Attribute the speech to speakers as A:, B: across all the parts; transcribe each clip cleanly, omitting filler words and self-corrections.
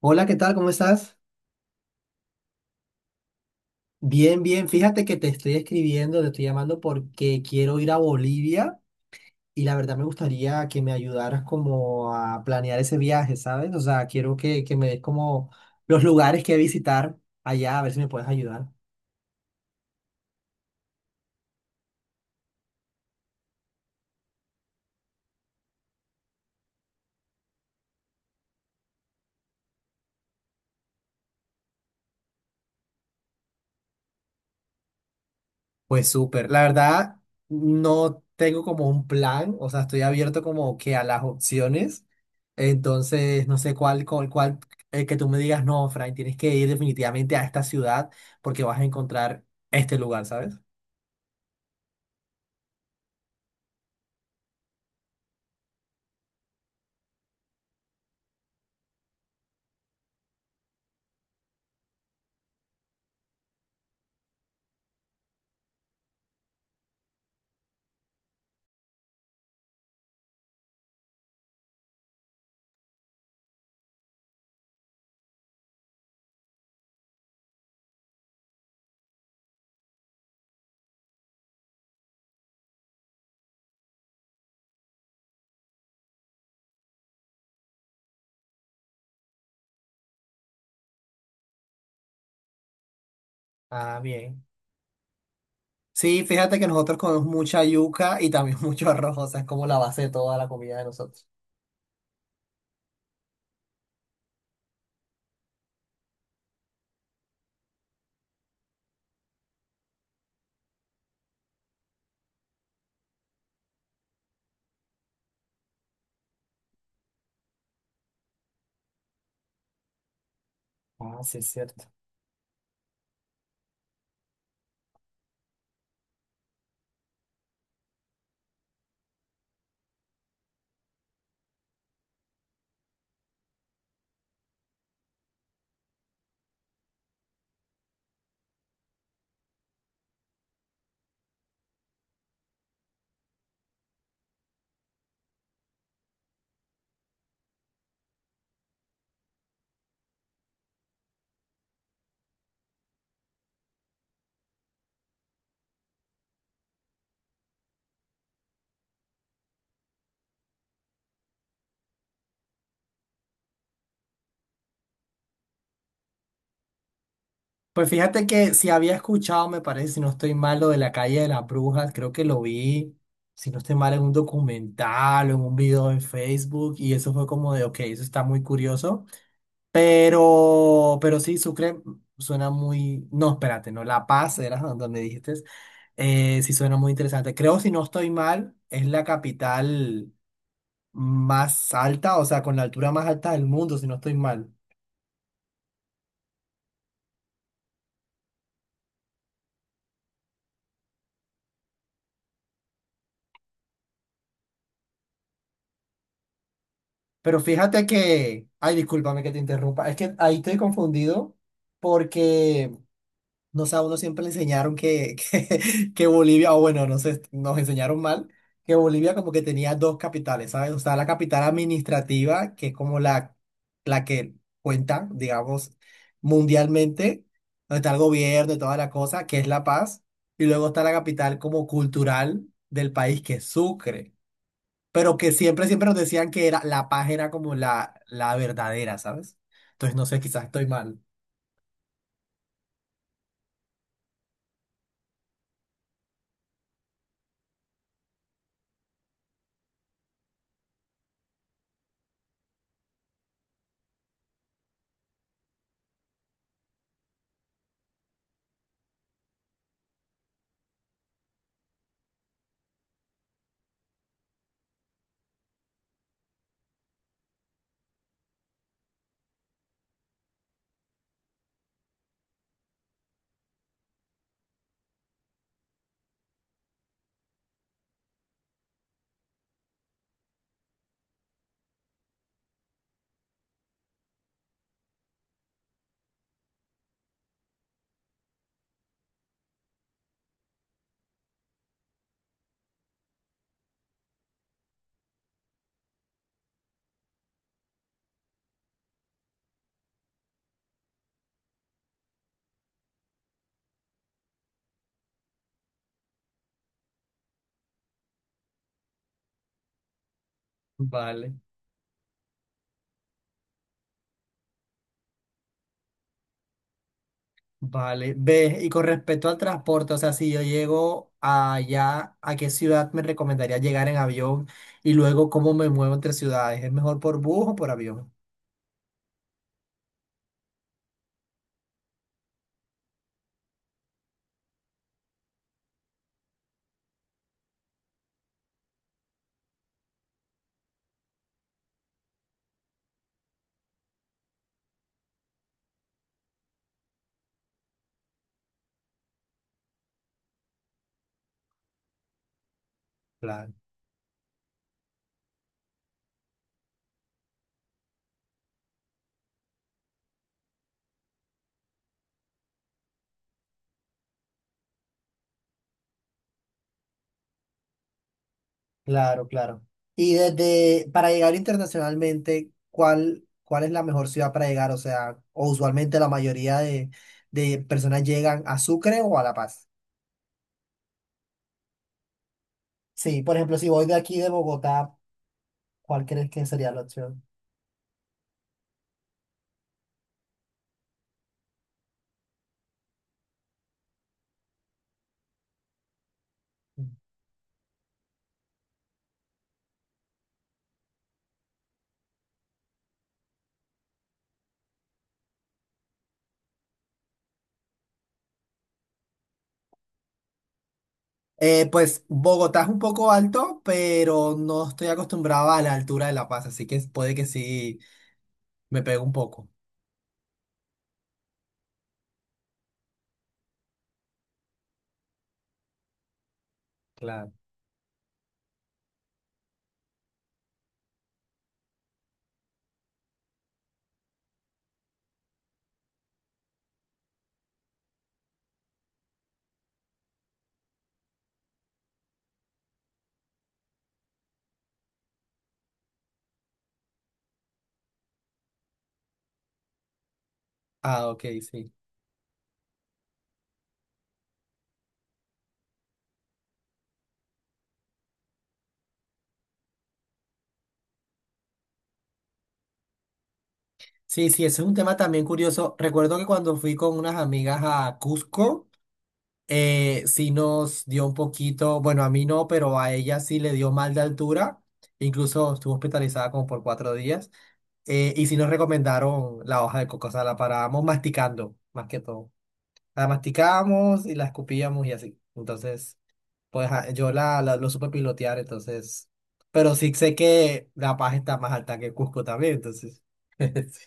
A: Hola, ¿qué tal? ¿Cómo estás? Bien, bien. Fíjate que te estoy escribiendo, te estoy llamando porque quiero ir a Bolivia y la verdad me gustaría que me ayudaras como a planear ese viaje, ¿sabes? O sea, quiero que me des como los lugares que visitar allá, a ver si me puedes ayudar. Pues súper, la verdad no tengo como un plan, o sea, estoy abierto como que a las opciones, entonces no sé cuál, que tú me digas, no, Frank, tienes que ir definitivamente a esta ciudad porque vas a encontrar este lugar, ¿sabes? Ah, bien. Sí, fíjate que nosotros comemos mucha yuca y también mucho arroz, o sea, es como la base de toda la comida de nosotros. Ah, sí, es cierto. Pues fíjate que si había escuchado, me parece, si no estoy mal, lo de la calle de las brujas, creo que lo vi, si no estoy mal, en un documental o en un video en Facebook, y eso fue como de, ok, eso está muy curioso, pero sí, Sucre suena muy, no, espérate, no, La Paz era donde dijiste, sí suena muy interesante. Creo, si no estoy mal, es la capital más alta, o sea, con la altura más alta del mundo, si no estoy mal. Pero fíjate que, ay, discúlpame que te interrumpa, es que ahí estoy confundido porque, no sé, a uno siempre le enseñaron que Bolivia, o bueno, no sé, nos enseñaron mal, que Bolivia como que tenía dos capitales, ¿sabes? O sea, la capital administrativa, que es como la que cuenta, digamos, mundialmente, donde está el gobierno y toda la cosa, que es La Paz, y luego está la capital como cultural del país, que es Sucre, pero que siempre, siempre nos decían que era, La Paz era como la verdadera, ¿sabes? Entonces, no sé, quizás estoy mal. Vale, vale. Ve, y con respecto al transporte, o sea, si yo llego allá, ¿a qué ciudad me recomendaría llegar en avión? Y luego, ¿cómo me muevo entre ciudades? ¿Es mejor por bus o por avión? Claro, claro, claro. Y desde, para llegar internacionalmente, ¿cuál es la mejor ciudad para llegar? O sea, o usualmente la mayoría de personas llegan a Sucre o a La Paz. Sí, por ejemplo, si voy de aquí de Bogotá, ¿cuál crees que sería la opción? Mm. Pues Bogotá es un poco alto, pero no estoy acostumbrado a la altura de La Paz, así que puede que sí me pegue un poco. Claro. Ah, ok, sí. Sí, sí, ese es un tema también curioso. Recuerdo que cuando fui con unas amigas a Cusco, sí nos dio un poquito, bueno, a mí no, pero a ella sí le dio mal de altura, incluso estuvo hospitalizada como por 4 días, y sí nos recomendaron la hoja de coco, o sea, la parábamos masticando, más que todo. La masticábamos y la escupíamos y así. Entonces, pues yo lo supe pilotear, entonces, pero sí sé que La Paz está más alta que Cusco también, entonces. Sí.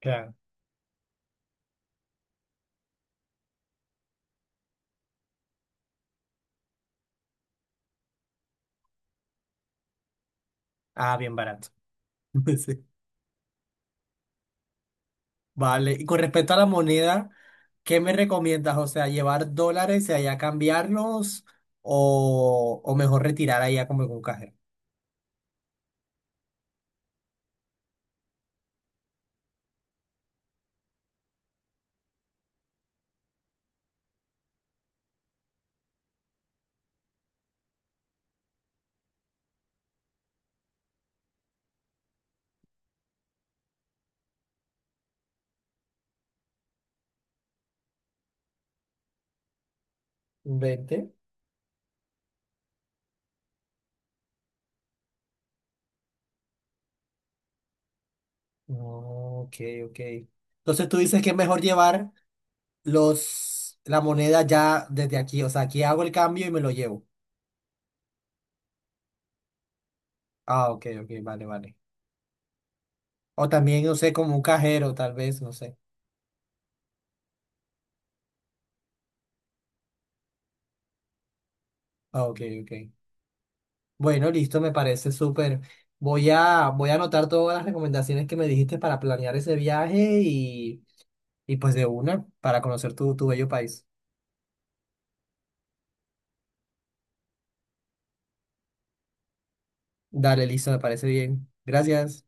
A: Claro. Ah, bien barato. Sí. Vale, y con respecto a la moneda, ¿qué me recomiendas? O sea, llevar dólares y allá cambiarlos o mejor retirar allá como en un cajero. ¿20? No, ok, ok. Entonces tú dices que es mejor llevar los, la moneda ya desde aquí. O sea, aquí hago el cambio y me lo llevo. Ah, ok, ok, vale, vale. O también, no sé, como un cajero, tal vez, no sé. Ah, ok, ok. Bueno, listo, me parece súper. Voy a anotar todas las recomendaciones que me dijiste para planear ese viaje. Y pues de una, para conocer tu bello país. Dale, listo, me parece bien. Gracias.